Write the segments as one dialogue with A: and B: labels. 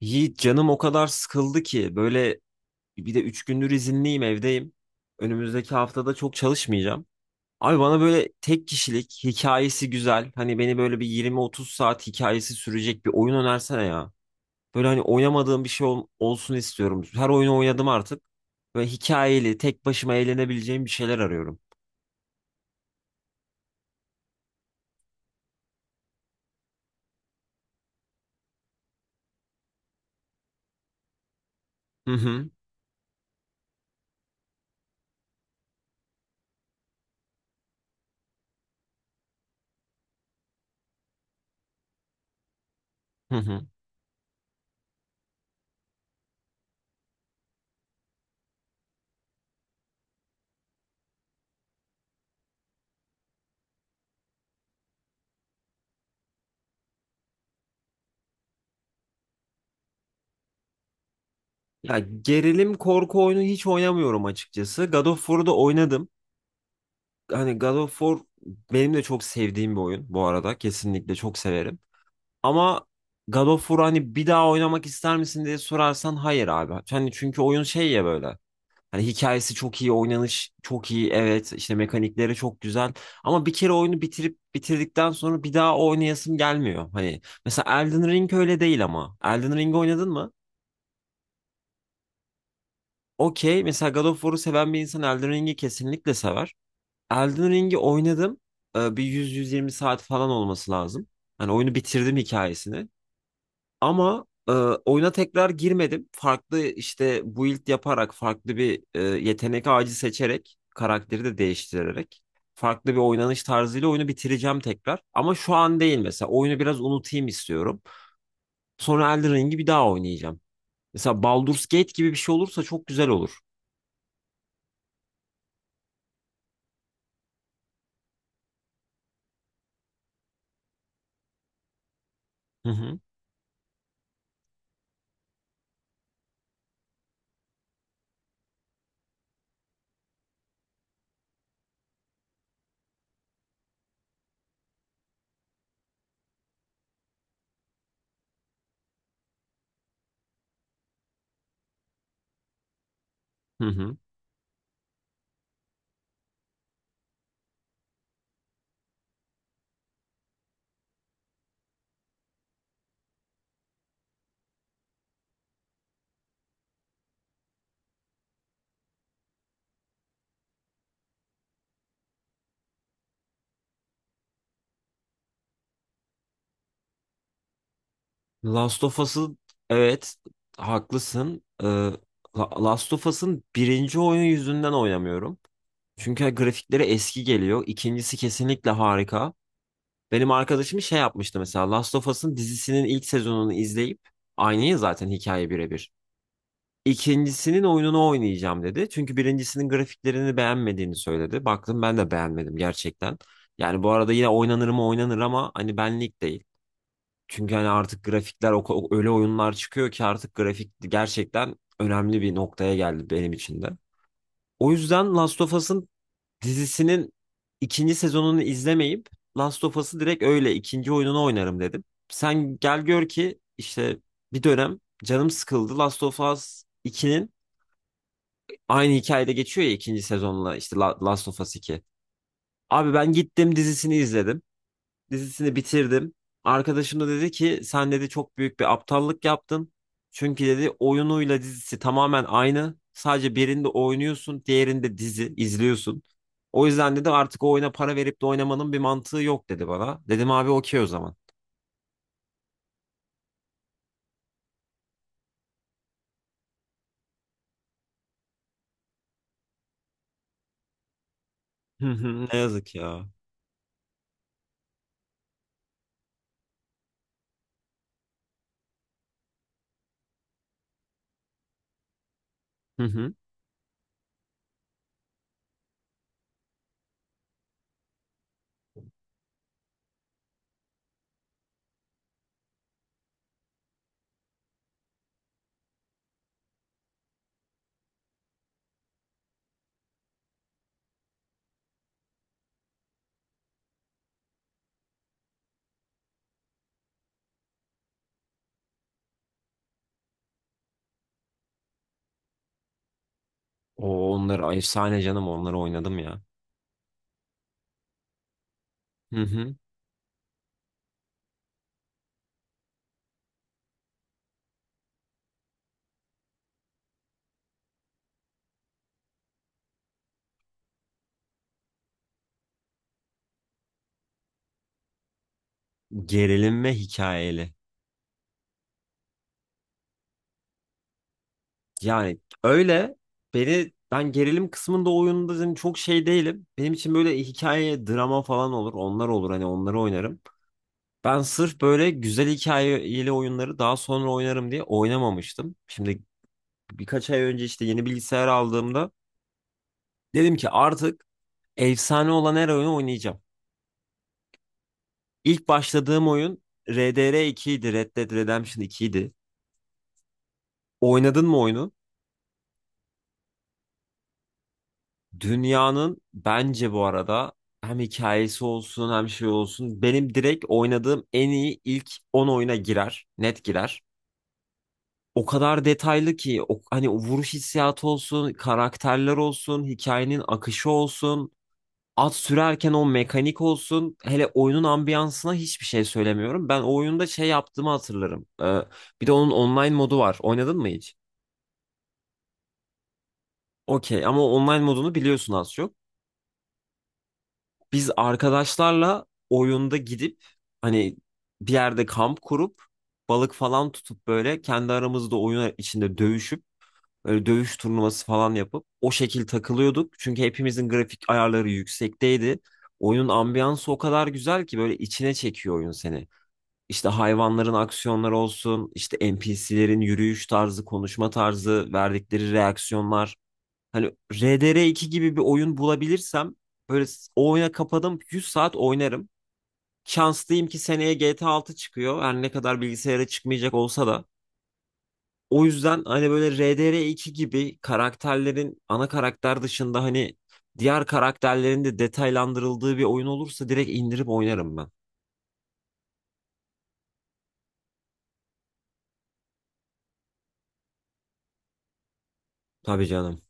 A: Yiğit canım o kadar sıkıldı ki böyle bir de 3 gündür izinliyim, evdeyim. Önümüzdeki haftada çok çalışmayacağım. Abi bana böyle tek kişilik hikayesi güzel. Hani beni böyle bir 20-30 saat hikayesi sürecek bir oyun önersene ya. Böyle hani oynamadığım bir şey olsun istiyorum. Her oyunu oynadım artık. Böyle hikayeli tek başıma eğlenebileceğim bir şeyler arıyorum. Hı hı. Hı hı. Ya gerilim korku oyunu hiç oynamıyorum açıkçası. God of War'u da oynadım. Hani God of War benim de çok sevdiğim bir oyun bu arada. Kesinlikle çok severim. Ama God of War, hani bir daha oynamak ister misin diye sorarsan, hayır abi. Hani çünkü oyun şey ya böyle. Hani hikayesi çok iyi, oynanış çok iyi, evet işte mekanikleri çok güzel. Ama bir kere oyunu bitirip bitirdikten sonra bir daha oynayasım gelmiyor. Hani mesela Elden Ring öyle değil ama. Elden Ring oynadın mı? Okey. Mesela God of War'u seven bir insan Elden Ring'i kesinlikle sever. Elden Ring'i oynadım. Bir 100-120 saat falan olması lazım. Hani oyunu bitirdim, hikayesini. Ama oyuna tekrar girmedim. Farklı işte build yaparak, farklı bir yetenek ağacı seçerek, karakteri de değiştirerek, farklı bir oynanış tarzıyla oyunu bitireceğim tekrar. Ama şu an değil mesela. Oyunu biraz unutayım istiyorum. Sonra Elden Ring'i bir daha oynayacağım. Mesela Baldur's Gate gibi bir şey olursa çok güzel olur. Hı hı. Hı hı. Last of Us'ın, evet, haklısın. Last of Us'ın birinci oyun yüzünden oynamıyorum. Çünkü grafikleri eski geliyor. İkincisi kesinlikle harika. Benim arkadaşım şey yapmıştı mesela, Last of Us'ın dizisinin ilk sezonunu izleyip aynı ya zaten, hikaye birebir. İkincisinin oyununu oynayacağım dedi. Çünkü birincisinin grafiklerini beğenmediğini söyledi. Baktım, ben de beğenmedim gerçekten. Yani bu arada yine oynanır mı oynanır ama hani benlik değil. Çünkü hani artık grafikler öyle oyunlar çıkıyor ki artık grafik gerçekten önemli bir noktaya geldi benim için de. O yüzden Last of Us'ın dizisinin ikinci sezonunu izlemeyip Last of Us'ı direkt öyle ikinci oyununu oynarım dedim. Sen gel gör ki işte bir dönem canım sıkıldı, Last of Us 2'nin aynı hikayede geçiyor ya ikinci sezonla, işte Last of Us 2. Abi ben gittim dizisini izledim, dizisini bitirdim. Arkadaşım da dedi ki sen dedi çok büyük bir aptallık yaptın. Çünkü dedi oyunuyla dizisi tamamen aynı. Sadece birinde oynuyorsun, diğerinde dizi izliyorsun. O yüzden dedi artık o oyuna para verip de oynamanın bir mantığı yok dedi bana. Dedim abi okey o zaman. Hı hı. Ne yazık ya. Hı hı. O, onları efsane canım, onları oynadım ya. Hı hı. Gerilim ve hikayeli. Yani öyle beni, ben gerilim kısmında oyunda dedim çok şey değilim. Benim için böyle hikaye, drama falan olur. Onlar olur, hani onları oynarım. Ben sırf böyle güzel hikayeli oyunları daha sonra oynarım diye oynamamıştım. Şimdi birkaç ay önce işte yeni bilgisayar aldığımda dedim ki artık efsane olan her oyunu oynayacağım. İlk başladığım oyun RDR 2 idi, Red Dead Redemption 2 idi. Oynadın mı oyunu? Dünyanın bence bu arada hem hikayesi olsun hem şey olsun benim direkt oynadığım en iyi ilk 10 oyuna girer. Net girer. O kadar detaylı ki o, hani o vuruş hissiyatı olsun, karakterler olsun, hikayenin akışı olsun, at sürerken o mekanik olsun. Hele oyunun ambiyansına hiçbir şey söylemiyorum. Ben o oyunda şey yaptığımı hatırlarım. Bir de onun online modu var. Oynadın mı hiç? Okey, ama online modunu biliyorsun az çok. Biz arkadaşlarla oyunda gidip hani bir yerde kamp kurup balık falan tutup böyle kendi aramızda oyun içinde dövüşüp böyle dövüş turnuvası falan yapıp o şekil takılıyorduk. Çünkü hepimizin grafik ayarları yüksekteydi. Oyunun ambiyansı o kadar güzel ki böyle içine çekiyor oyun seni. İşte hayvanların aksiyonları olsun, işte NPC'lerin yürüyüş tarzı, konuşma tarzı, verdikleri reaksiyonlar. Hani RDR2 gibi bir oyun bulabilirsem böyle o oyuna kapadım 100 saat oynarım. Şanslıyım ki seneye GTA 6 çıkıyor. Her ne kadar bilgisayara çıkmayacak olsa da. O yüzden hani böyle RDR2 gibi karakterlerin ana karakter dışında hani diğer karakterlerin de detaylandırıldığı bir oyun olursa direkt indirip oynarım ben. Tabii canım.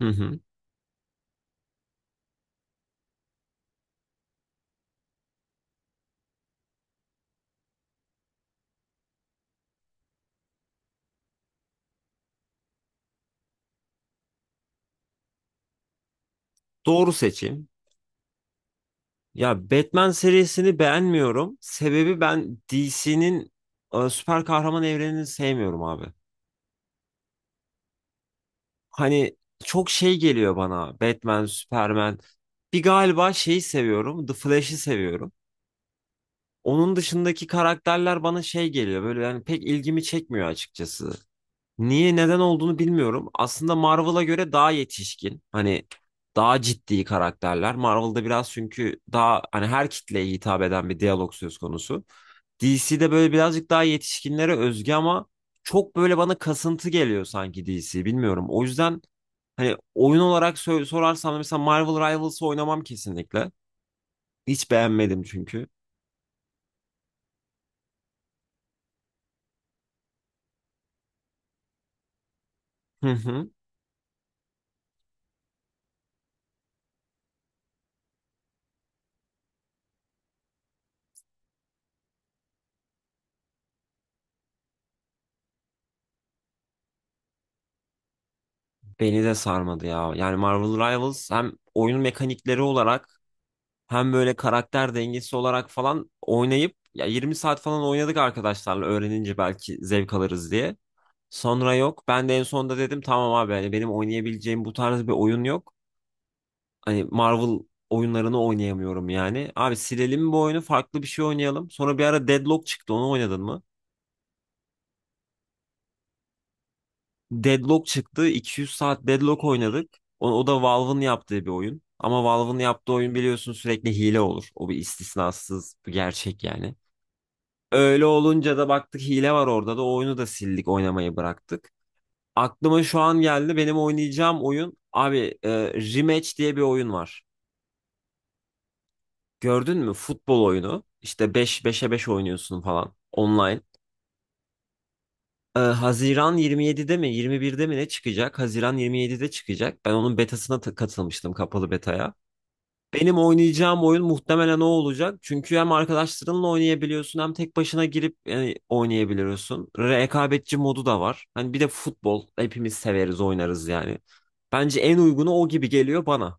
A: Hı hı. Doğru seçim. Ya Batman serisini beğenmiyorum. Sebebi, ben DC'nin süper kahraman evrenini sevmiyorum abi. Hani çok şey geliyor bana. Batman, Superman. Bir galiba şeyi seviyorum, The Flash'i seviyorum. Onun dışındaki karakterler bana şey geliyor. Böyle yani pek ilgimi çekmiyor açıkçası. Niye, neden olduğunu bilmiyorum. Aslında Marvel'a göre daha yetişkin. Hani daha ciddi karakterler. Marvel'da biraz çünkü daha hani her kitleye hitap eden bir diyalog söz konusu. DC'de böyle birazcık daha yetişkinlere özgü ama çok böyle bana kasıntı geliyor sanki DC. Bilmiyorum. O yüzden hani oyun olarak sorarsam da mesela Marvel Rivals'ı oynamam kesinlikle. Hiç beğenmedim çünkü. Hı hı. Beni de sarmadı ya. Yani Marvel Rivals hem oyun mekanikleri olarak hem böyle karakter dengesi olarak falan, oynayıp ya 20 saat falan oynadık arkadaşlarla öğrenince belki zevk alırız diye. Sonra yok. Ben de en sonunda dedim tamam abi, hani benim oynayabileceğim bu tarz bir oyun yok. Hani Marvel oyunlarını oynayamıyorum yani. Abi silelim bu oyunu, farklı bir şey oynayalım. Sonra bir ara Deadlock çıktı, onu oynadın mı? Deadlock çıktı. 200 saat Deadlock oynadık. O da Valve'ın yaptığı bir oyun. Ama Valve'ın yaptığı oyun biliyorsun sürekli hile olur. O bir istisnasız bir gerçek yani. Öyle olunca da baktık hile var orada da, o oyunu da sildik, oynamayı bıraktık. Aklıma şu an geldi benim oynayacağım oyun abi, Rematch diye bir oyun var. Gördün mü? Futbol oyunu. İşte 5 beşe 5 oynuyorsun falan online. Haziran 27'de mi 21'de mi ne çıkacak? Haziran 27'de çıkacak. Ben onun betasına katılmıştım, kapalı betaya. Benim oynayacağım oyun muhtemelen o olacak. Çünkü hem arkadaşlarınla oynayabiliyorsun hem tek başına girip yani oynayabiliyorsun. Rekabetçi modu da var. Hani bir de futbol hepimiz severiz, oynarız yani. Bence en uygunu o gibi geliyor bana.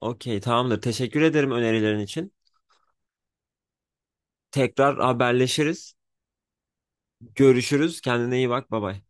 A: Okey, tamamdır. Teşekkür ederim önerilerin için. Tekrar haberleşiriz. Görüşürüz. Kendine iyi bak. Bay bay.